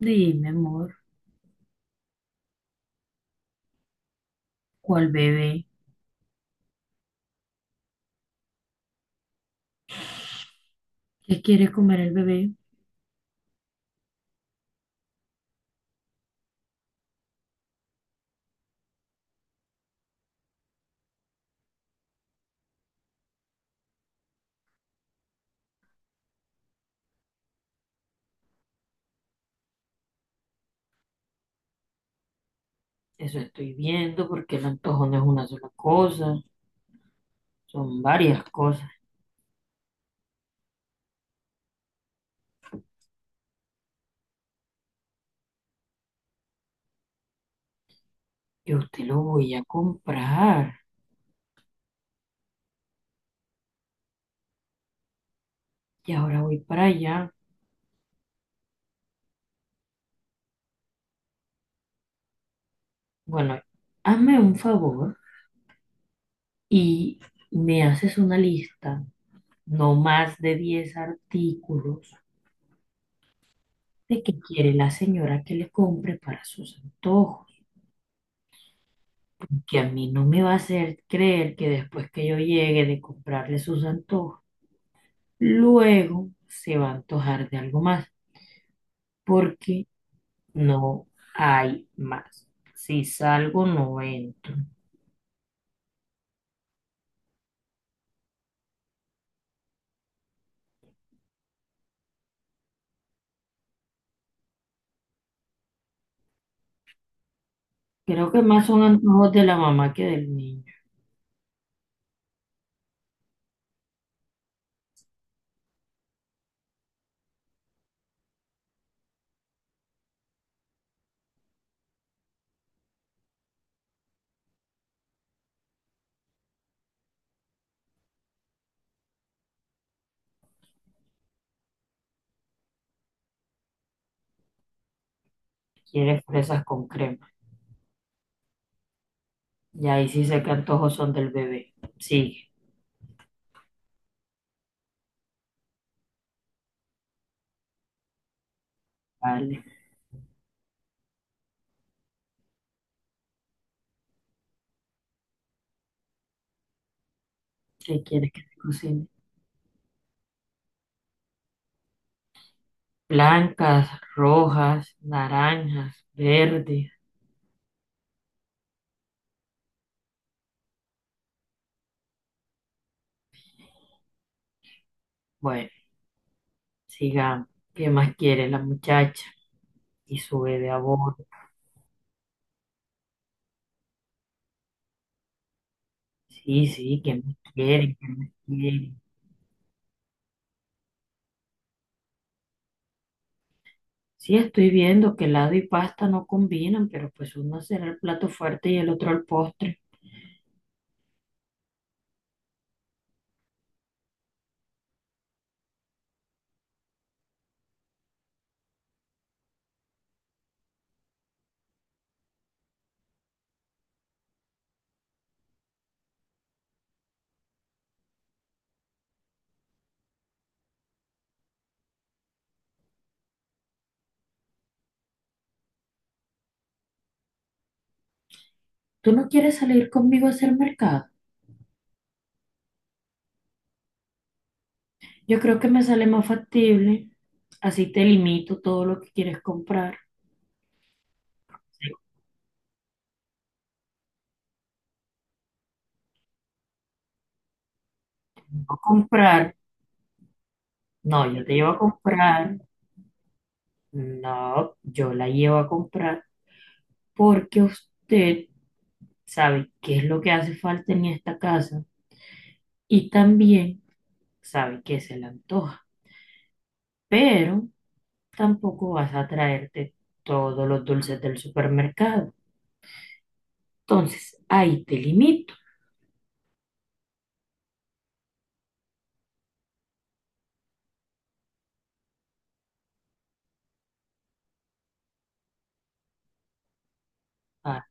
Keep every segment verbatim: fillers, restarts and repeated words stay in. Dime, amor, ¿cuál bebé? ¿Qué quiere comer el bebé? Eso estoy viendo porque el antojo no es una sola cosa, son varias cosas. Yo te lo voy a comprar y ahora voy para allá. Bueno, hazme un favor y me haces una lista, no más de diez artículos de que quiere la señora que le compre para sus antojos. Porque a mí no me va a hacer creer que después que yo llegue de comprarle sus antojos, luego se va a antojar de algo más, porque no hay más. Si salgo, no entro. Creo que más son antojos de la mamá que del niño. Quiere fresas con crema. Y ahí sí sé que antojos son del bebé. Sigue, vale. ¿Qué quieres que te cocine? Blancas, rojas, naranjas, verdes. Bueno, sigamos. ¿Qué más quiere la muchacha? Y su bebé a bordo. Sí, sí, ¿qué más quiere? ¿Qué más quiere? Sí, estoy viendo que helado y pasta no combinan, pero pues uno será el plato fuerte y el otro el postre. ¿Tú no quieres salir conmigo a hacer mercado? Yo creo que me sale más factible. Así te limito todo lo que quieres comprar. Si no comprar, no, yo te llevo a comprar. No, yo la llevo a comprar porque usted sabe qué es lo que hace falta en esta casa y también sabe qué se le antoja. pero tampoco vas a traerte todos los dulces del supermercado. Entonces, ahí te limito a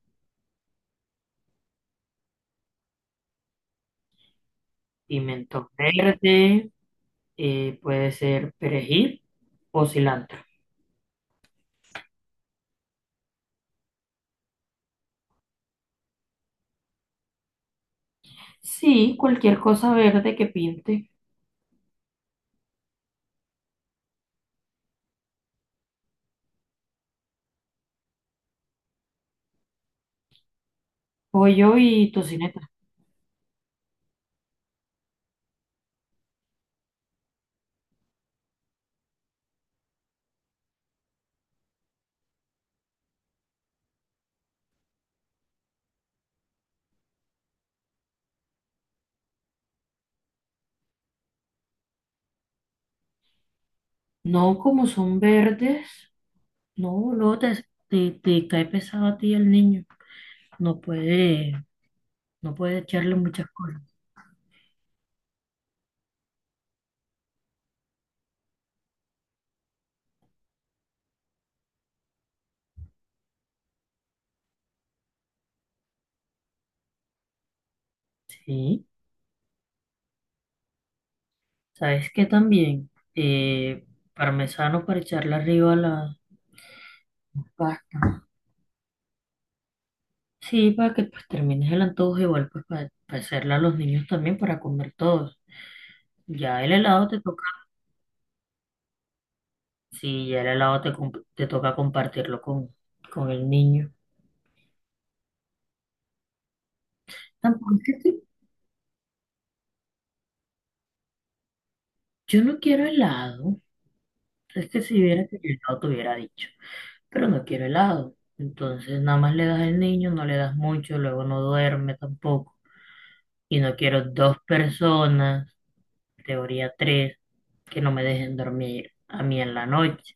pimiento verde, eh, puede ser perejil o cilantro. Sí, cualquier cosa verde que pinte, pollo y tocineta. No, como son verdes, no, no, te, te, te cae pesado a ti el niño. No puede, no puede echarle muchas cosas. Sí. ¿Sabes qué también? Eh, Parmesano para echarle arriba a la pasta. Sí, para que pues termines el antojo, igual pues para, para hacerle a los niños también para comer todos. Ya el helado te toca, sí, ya el helado te, comp- te toca compartirlo con, con el niño. Tampoco es que te- yo no quiero helado. Es que si hubiera que helado te hubiera dicho, pero no quiero helado. Entonces nada más le das al niño, no le das mucho, luego no duerme tampoco. Y no quiero dos personas. Categoría tres, que no me dejen dormir a mí en la noche.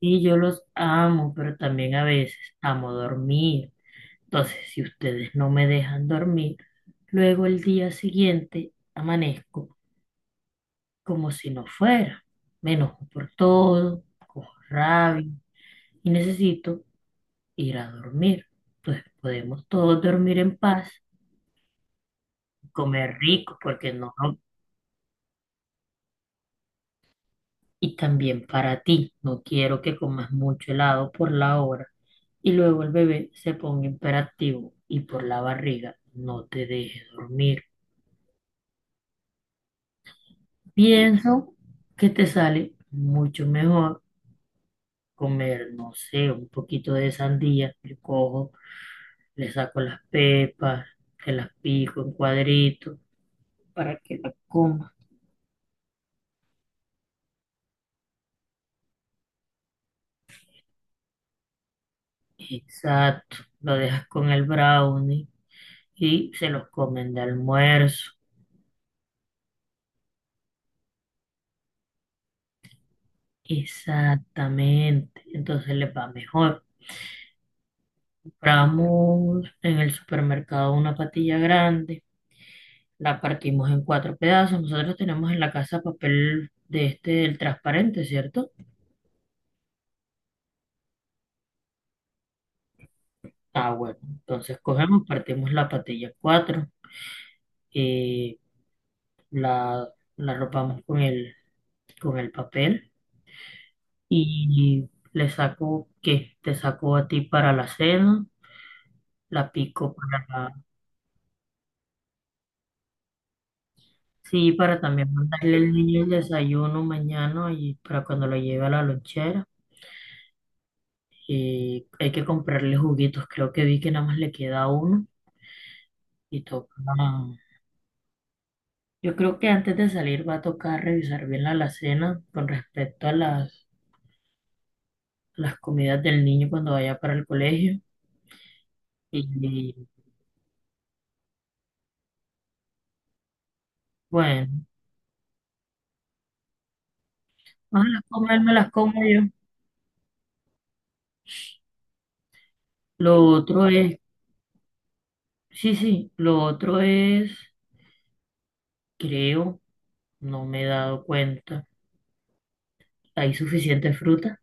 Sí, yo los amo, pero también a veces amo dormir. Entonces, si ustedes no me dejan dormir, luego el día siguiente amanezco como si no fuera. Me enojo por todo, cojo rabia y necesito ir a dormir. Entonces, podemos todos dormir en paz, comer rico, porque no y también para ti. No quiero que comas mucho helado por la hora y luego el bebé se ponga imperativo y por la barriga no te deje dormir. Pienso que te sale mucho mejor comer, no sé, un poquito de sandía. Yo cojo, le saco las pepas, te las pico en cuadritos para que la comas. Exacto, lo dejas con el brownie y se los comen de almuerzo. Exactamente, entonces les va mejor. Compramos en el supermercado una patilla grande, la partimos en cuatro pedazos. Nosotros tenemos en la casa papel de este, el transparente, ¿cierto? Ah, bueno, entonces cogemos, partimos la patilla en cuatro, eh, la, la arropamos con el, con el papel y le saco, ¿qué? Te saco a ti para la cena, la pico para. Sí, para también mandarle al niño el desayuno mañana y para cuando lo lleve a la lonchera. Y hay que comprarle juguitos. Creo que vi que nada más le queda uno y toca. ah, Yo creo que antes de salir va a tocar revisar bien la alacena con respecto a las, las comidas del niño cuando vaya para el colegio. Y, bueno, más las como él, me las como yo. Lo otro es, sí, sí, lo otro es, creo, no me he dado cuenta. ¿Hay suficiente fruta?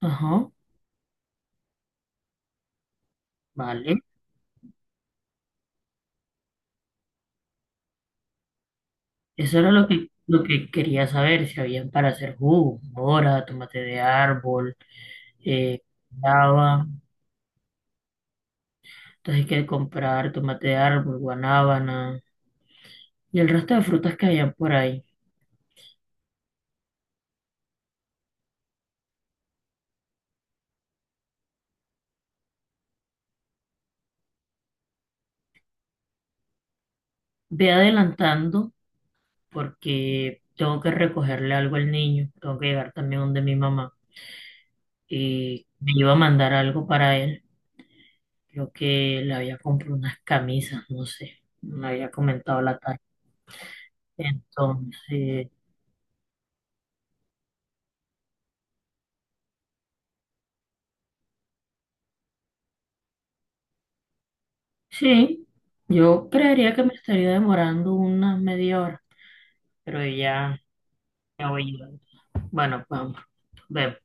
Ajá. Vale, eso era lo que, lo que quería saber, si habían para hacer jugo, mora, tomate de árbol, eh, guanábana. entonces hay que comprar tomate de árbol, guanábana y el resto de frutas que hayan por ahí. Ve adelantando porque tengo que recogerle algo al niño, tengo que llegar también donde mi mamá y me iba a mandar algo para él, creo que le había comprado unas camisas, no sé, me había comentado la tarde. Entonces... Sí, yo creería que me estaría demorando unas media hora, pero ya ya voy llegando. Bueno, vamos, vemos.